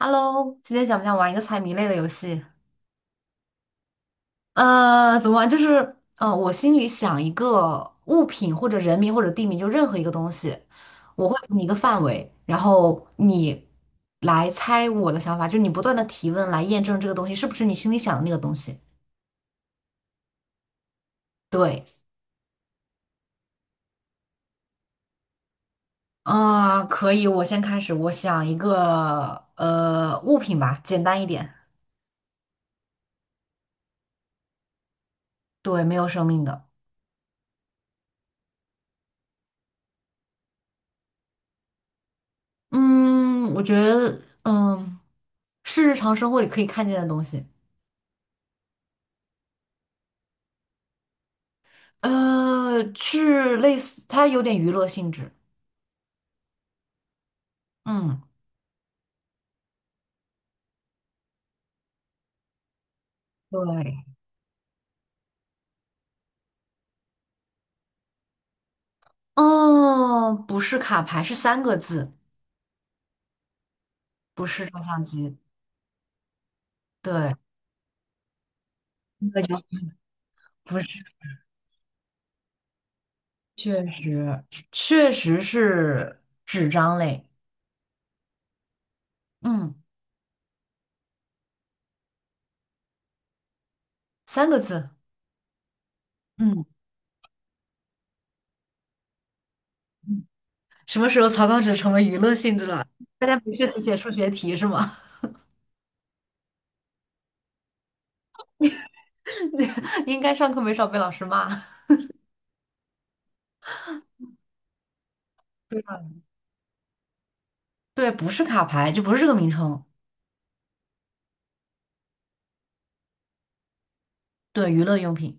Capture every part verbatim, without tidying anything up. Hello，今天想不想玩一个猜谜类的游戏？呃，怎么玩？就是，呃，我心里想一个物品或者人名或者地名，就任何一个东西，我会给你一个范围，然后你来猜我的想法，就是你不断的提问来验证这个东西是不是你心里想的那个东西。对，啊、可以，我先开始，我想一个呃物品吧，简单一点，对，没有生命的。嗯，我觉得，嗯，是日常生活里可以看见的东西。呃，是类似，它有点娱乐性质。嗯，对，哦，不是卡牌，是三个字，不是照相机。对，那就不是，确实，确实是纸张类。嗯，三个字。嗯，嗯什么时候草稿纸成为娱乐性质了？大家不事只写数学题是吗？应该上课没少被老师骂。对对，不是卡牌，就不是这个名称。对，娱乐用品。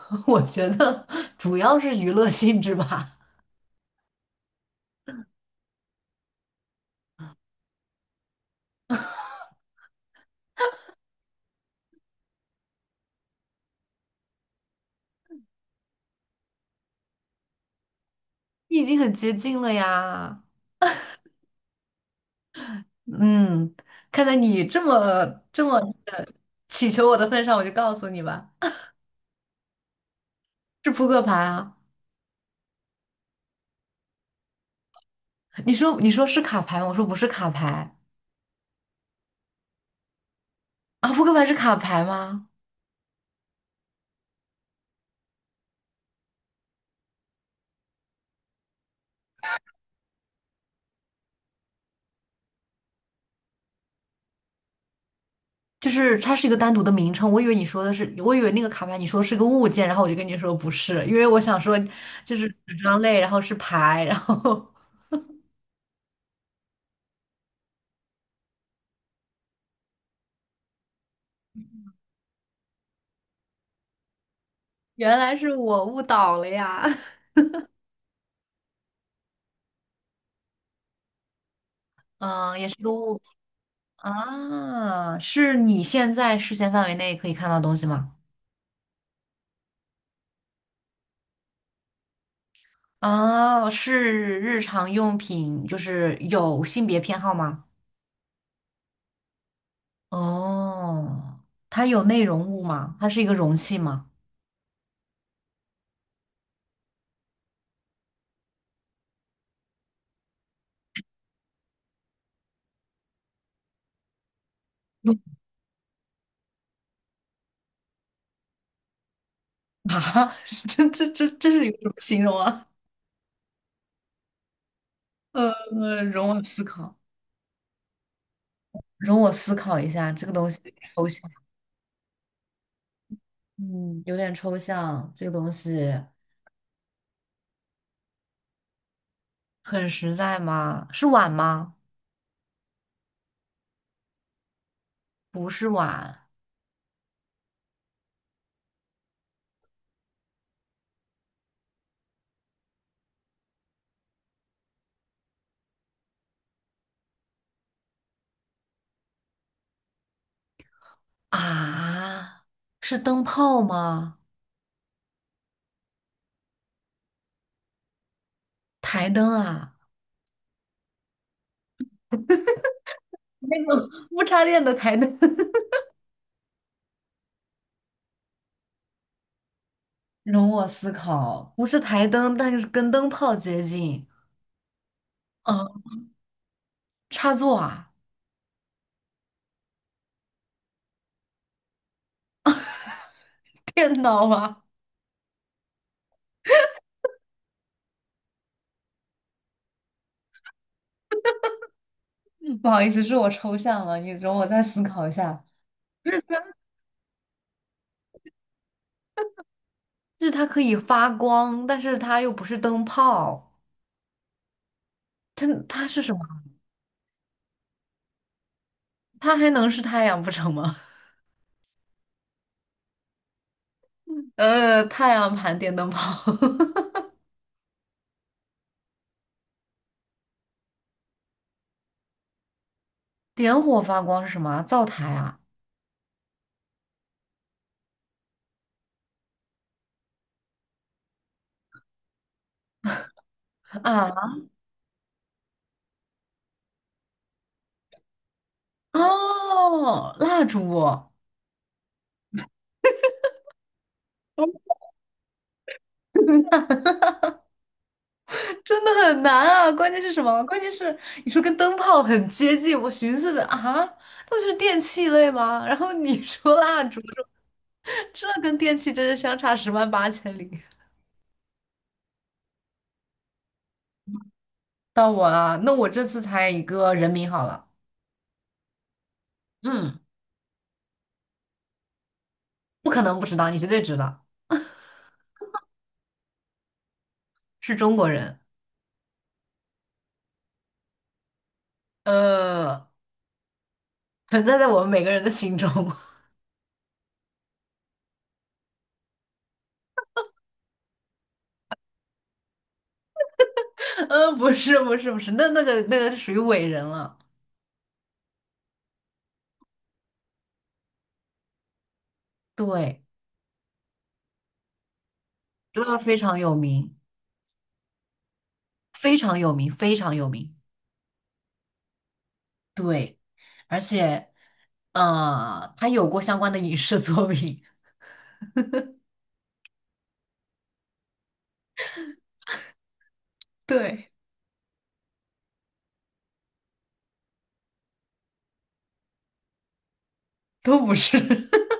我觉得主要是娱乐性质吧。你已经很接近了呀。嗯，看在你这么这么呃祈求我的份上，我就告诉你吧，是扑克牌啊。你说你说是卡牌吗？我说不是卡牌啊。扑克牌是卡牌吗？就是它是一个单独的名称，我以为你说的是，我以为那个卡牌你说是个物件，然后我就跟你说不是，因为我想说就是纸张类，然后是牌，然后 原来是我误导了呀。嗯，也是个误。啊，是你现在视线范围内可以看到的东西吗？啊，是日常用品，就是有性别偏好吗？哦，它有内容物吗？它是一个容器吗？啊，这这这这是一个什么形容啊？呃，容我思考，容我思考一下，这个东西抽象，嗯，有点抽象。这个东西很实在吗？是碗吗？不是碗啊，是灯泡吗？台灯啊，那个不插电的台灯，容我思考，不是台灯，但是跟灯泡接近。啊，插座啊，电脑吗？嗯不好意思，是我抽象了，你容我再思考一下。就是它可以发光，但是它又不是灯泡，它它是什么？它还能是太阳不成吗？呃，太阳盘电灯泡，点火发光是什么啊？灶台啊啊哦，蜡烛。真的很难啊！关键是什么？关键是你说跟灯泡很接近，我寻思着啊，那不就是电器类吗？然后你说蜡烛，这跟电器真是相差十万八千里。到我了，那我这次猜一个人名好了，嗯，不可能不知道，你绝对知道，是中国人。呃，存在在我们每个人的心中。呃，不是，不是，不是，那那个那个是属于伟人了，对，这个非常有名，非常有名，非常有名。对，而且呃，他有过相关的影视作品，对，都不是，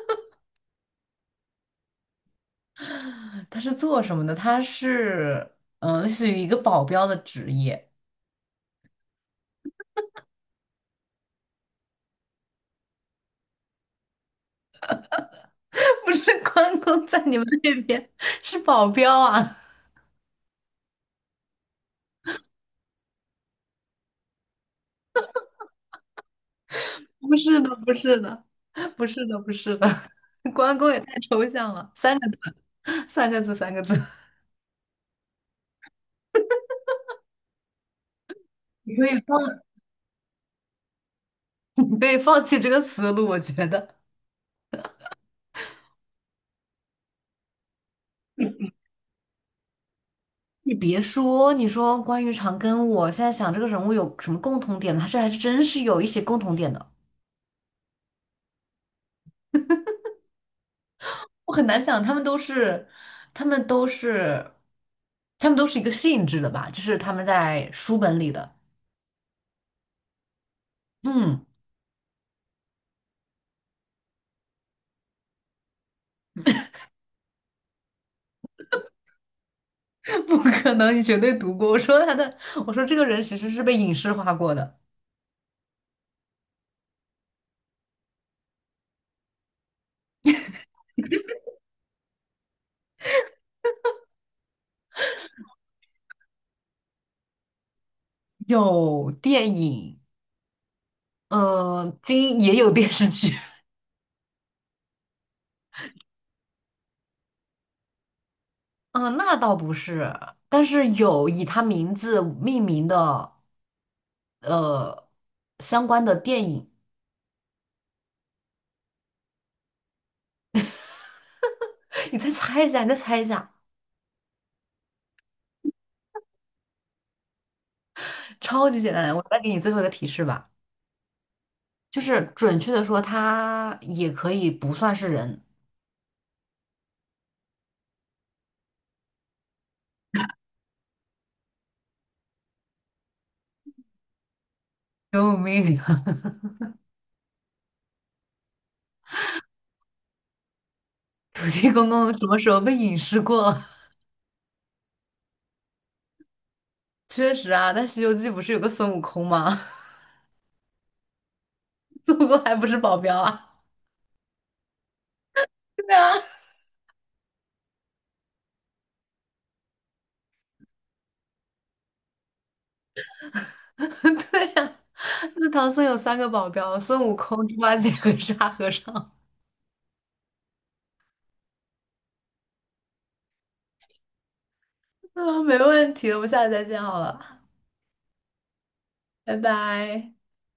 他是做什么的？他是嗯、呃，类似于一个保镖的职业，不是关公在你们那边是保镖啊？不是的，不是的，不是的，不是的，关公也太抽象了，三个 三个字，三个字，你可以放，你可以放弃这个思路，我觉得。你别说，你说关于长庚，我现在想这个人物有什么共同点呢他是还真是有一些共同点的。我很难想，他们都是，他们都是，他们都是一个性质的吧？就是他们在书本里的，嗯，不可能，你绝对读过。我说他的，我说这个人其实是被影视化过的，有电影，呃，今也有电视剧，嗯、那倒不是，但是有以他名字命名的。呃相关的电影。你再猜一下，你再猜一下，超级简单的。我再给你最后一个提示吧，就是准确的说，他也可以不算是人。救命啊！土地公公什么时候被隐士过 确实啊，但《西游记》不是有个孙悟空吗？孙悟空还不是保镖啊？对啊，对啊，那唐僧有三个保镖，孙悟空、猪八戒和沙和尚。啊，没问题，我们下次再见好了，拜拜。